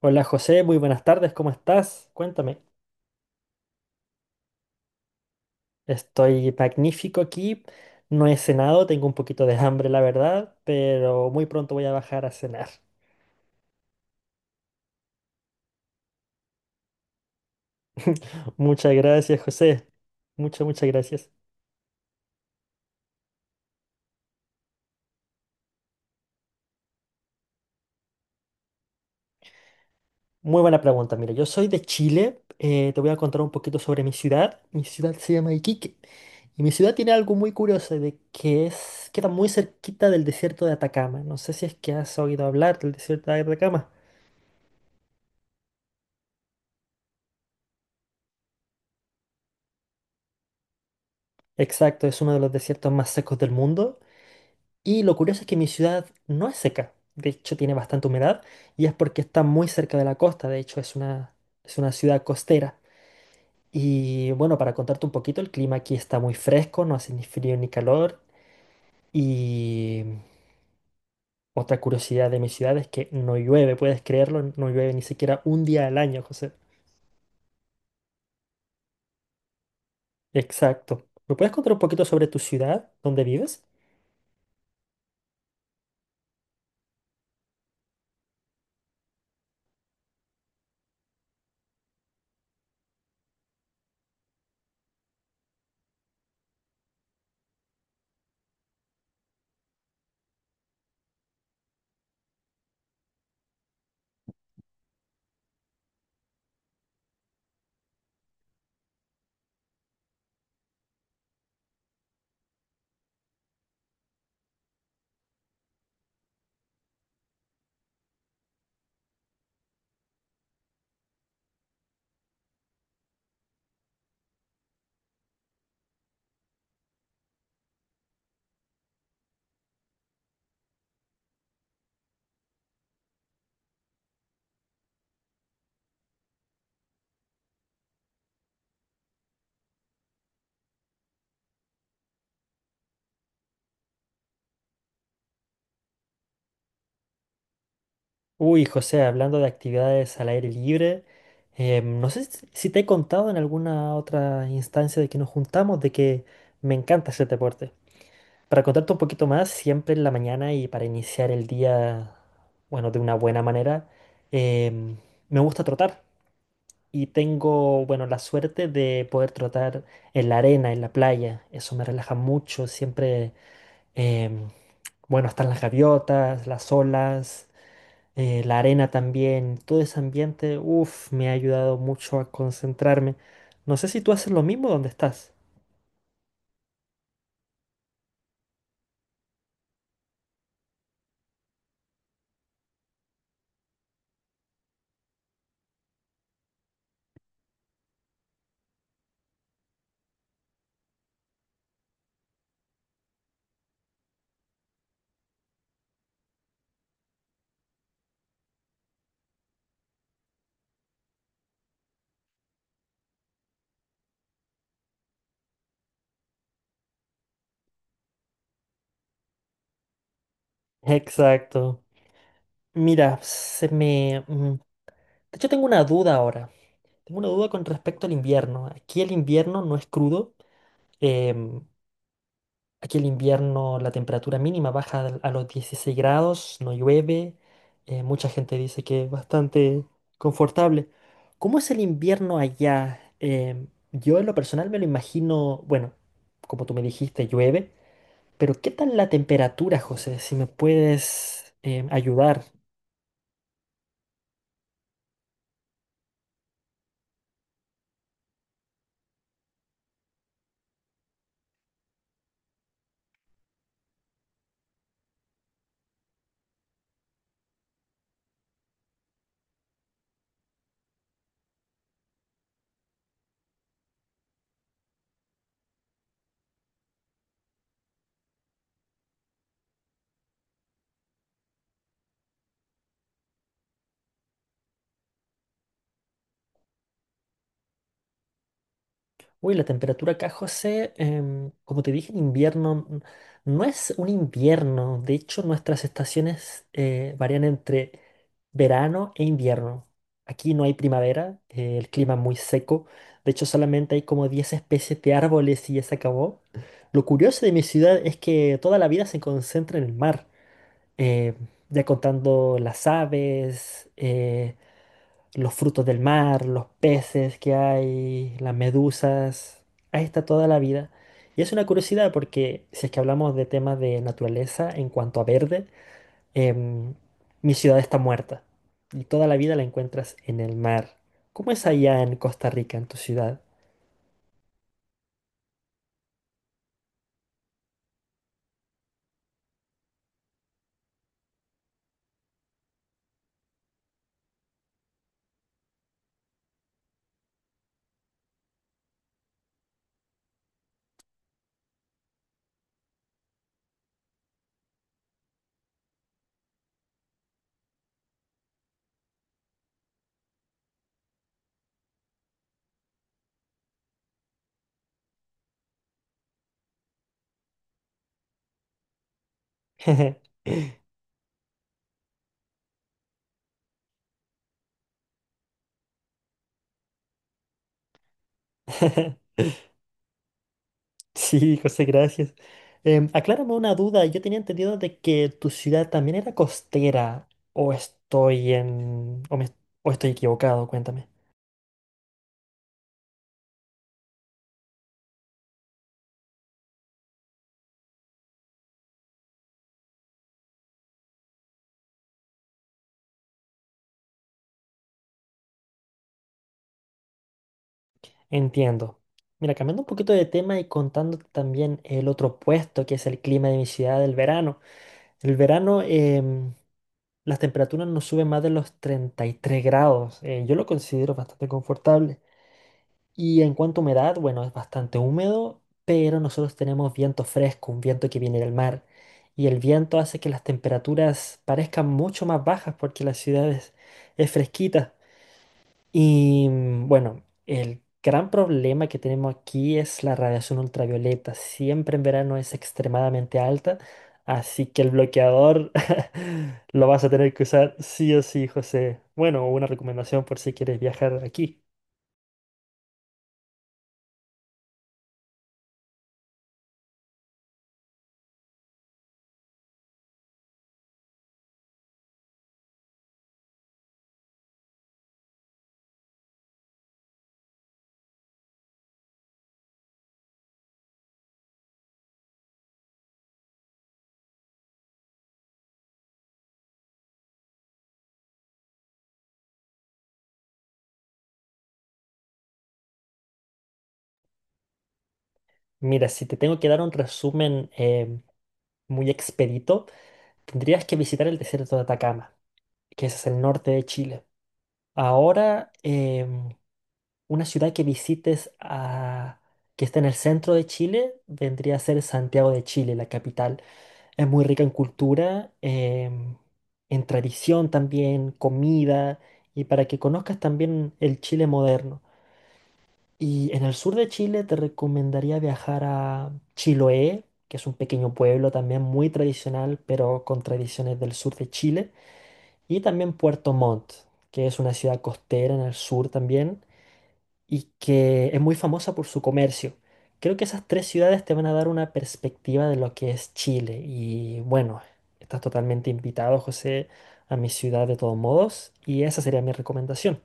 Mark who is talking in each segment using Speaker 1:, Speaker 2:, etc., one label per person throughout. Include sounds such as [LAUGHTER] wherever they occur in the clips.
Speaker 1: Hola José, muy buenas tardes, ¿cómo estás? Cuéntame. Estoy magnífico aquí, no he cenado, tengo un poquito de hambre la verdad, pero muy pronto voy a bajar a cenar. Muchas gracias José, muchas, muchas gracias. Muy buena pregunta, mira, yo soy de Chile, te voy a contar un poquito sobre mi ciudad. Mi ciudad se llama Iquique y mi ciudad tiene algo muy curioso de que es, queda muy cerquita del desierto de Atacama. No sé si es que has oído hablar del desierto de Atacama. Exacto, es uno de los desiertos más secos del mundo. Y lo curioso es que mi ciudad no es seca, de hecho tiene bastante humedad y es porque está muy cerca de la costa, de hecho es una ciudad costera. Y bueno, para contarte un poquito, el clima aquí está muy fresco, no hace ni frío ni calor. Y otra curiosidad de mi ciudad es que no llueve, puedes creerlo, no llueve ni siquiera un día al año, José. Exacto. ¿Me puedes contar un poquito sobre tu ciudad, dónde vives? Uy, José, hablando de actividades al aire libre, no sé si te he contado en alguna otra instancia de que nos juntamos, de que me encanta hacer deporte. Para contarte un poquito más, siempre en la mañana y para iniciar el día, bueno, de una buena manera, em, me gusta trotar y tengo, bueno, la suerte de poder trotar en la arena, en la playa. Eso me relaja mucho, siempre, em, bueno, están las gaviotas, las olas, la arena también, todo ese ambiente, uff, me ha ayudado mucho a concentrarme. No sé si tú haces lo mismo donde estás. Exacto. Mira, de hecho, tengo una duda ahora. Tengo una duda con respecto al invierno. Aquí el invierno no es crudo. em, Aquí el invierno la temperatura mínima baja a los 16 grados, no llueve, mucha gente dice que es bastante confortable. ¿Cómo es el invierno allá? Yo en lo personal me lo imagino, bueno, como tú me dijiste, llueve, pero ¿qué tal la temperatura, José? Si me puedes ayudar. Uy, la temperatura acá, José, como te dije, en invierno no es un invierno. De hecho, nuestras estaciones varían entre verano e invierno. Aquí no hay primavera, el clima es muy seco. De hecho, solamente hay como 10 especies de árboles y ya se acabó. Lo curioso de mi ciudad es que toda la vida se concentra en el mar. eh, ya contando las aves, los frutos del mar, los peces que hay, las medusas. Ahí está toda la vida. Y es una curiosidad porque si es que hablamos de temas de naturaleza en cuanto a verde, em, mi ciudad está muerta y toda la vida la encuentras en el mar. ¿Cómo es allá en Costa Rica, en tu ciudad? [LAUGHS] Sí, José, gracias. Em, aclárame una duda. Yo tenía entendido de que tu ciudad también era costera, o estoy en, o me- o estoy equivocado, cuéntame. Entiendo. Mira, cambiando un poquito de tema y contándote también el otro puesto, que es el clima de mi ciudad del verano. El verano, las temperaturas no suben más de los 33 grados. Yo lo considero bastante confortable. Y en cuanto a humedad, bueno, es bastante húmedo, pero nosotros tenemos viento fresco, un viento que viene del mar. Y el viento hace que las temperaturas parezcan mucho más bajas porque es fresquita. Y bueno, el gran problema que tenemos aquí es la radiación ultravioleta. Siempre en verano es extremadamente alta, así que el bloqueador [LAUGHS] lo vas a tener que usar sí o sí, José. Bueno, una recomendación por si quieres viajar aquí. Mira, si te tengo que dar un resumen muy expedito, tendrías que visitar el desierto de Atacama, que ese es el norte de Chile. Ahora, una ciudad que está en el centro de Chile vendría a ser Santiago de Chile, la capital. Es muy rica en cultura, en tradición también, comida, y para que conozcas también el Chile moderno. Y en el sur de Chile te recomendaría viajar a Chiloé, que es un pequeño pueblo también muy tradicional, pero con tradiciones del sur de Chile, y también Puerto Montt, que es una ciudad costera en el sur también y que es muy famosa por su comercio. Creo que esas tres ciudades te van a dar una perspectiva de lo que es Chile y bueno, estás totalmente invitado, José, a mi ciudad de todos modos y esa sería mi recomendación.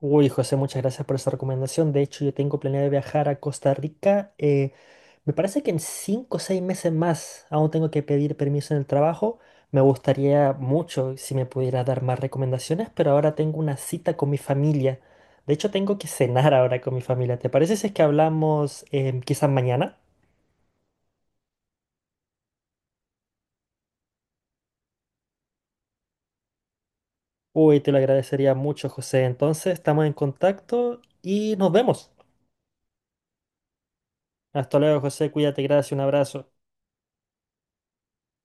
Speaker 1: Uy, José, muchas gracias por esa recomendación. De hecho, yo tengo planeado viajar a Costa Rica. Me parece que en 5 o 6 meses más aún tengo que pedir permiso en el trabajo. Me gustaría mucho si me pudiera dar más recomendaciones, pero ahora tengo una cita con mi familia. De hecho, tengo que cenar ahora con mi familia. ¿Te parece si es que hablamos quizás mañana? Uy, te lo agradecería mucho, José. Entonces, estamos en contacto y nos vemos. Hasta luego, José. Cuídate, gracias, un abrazo.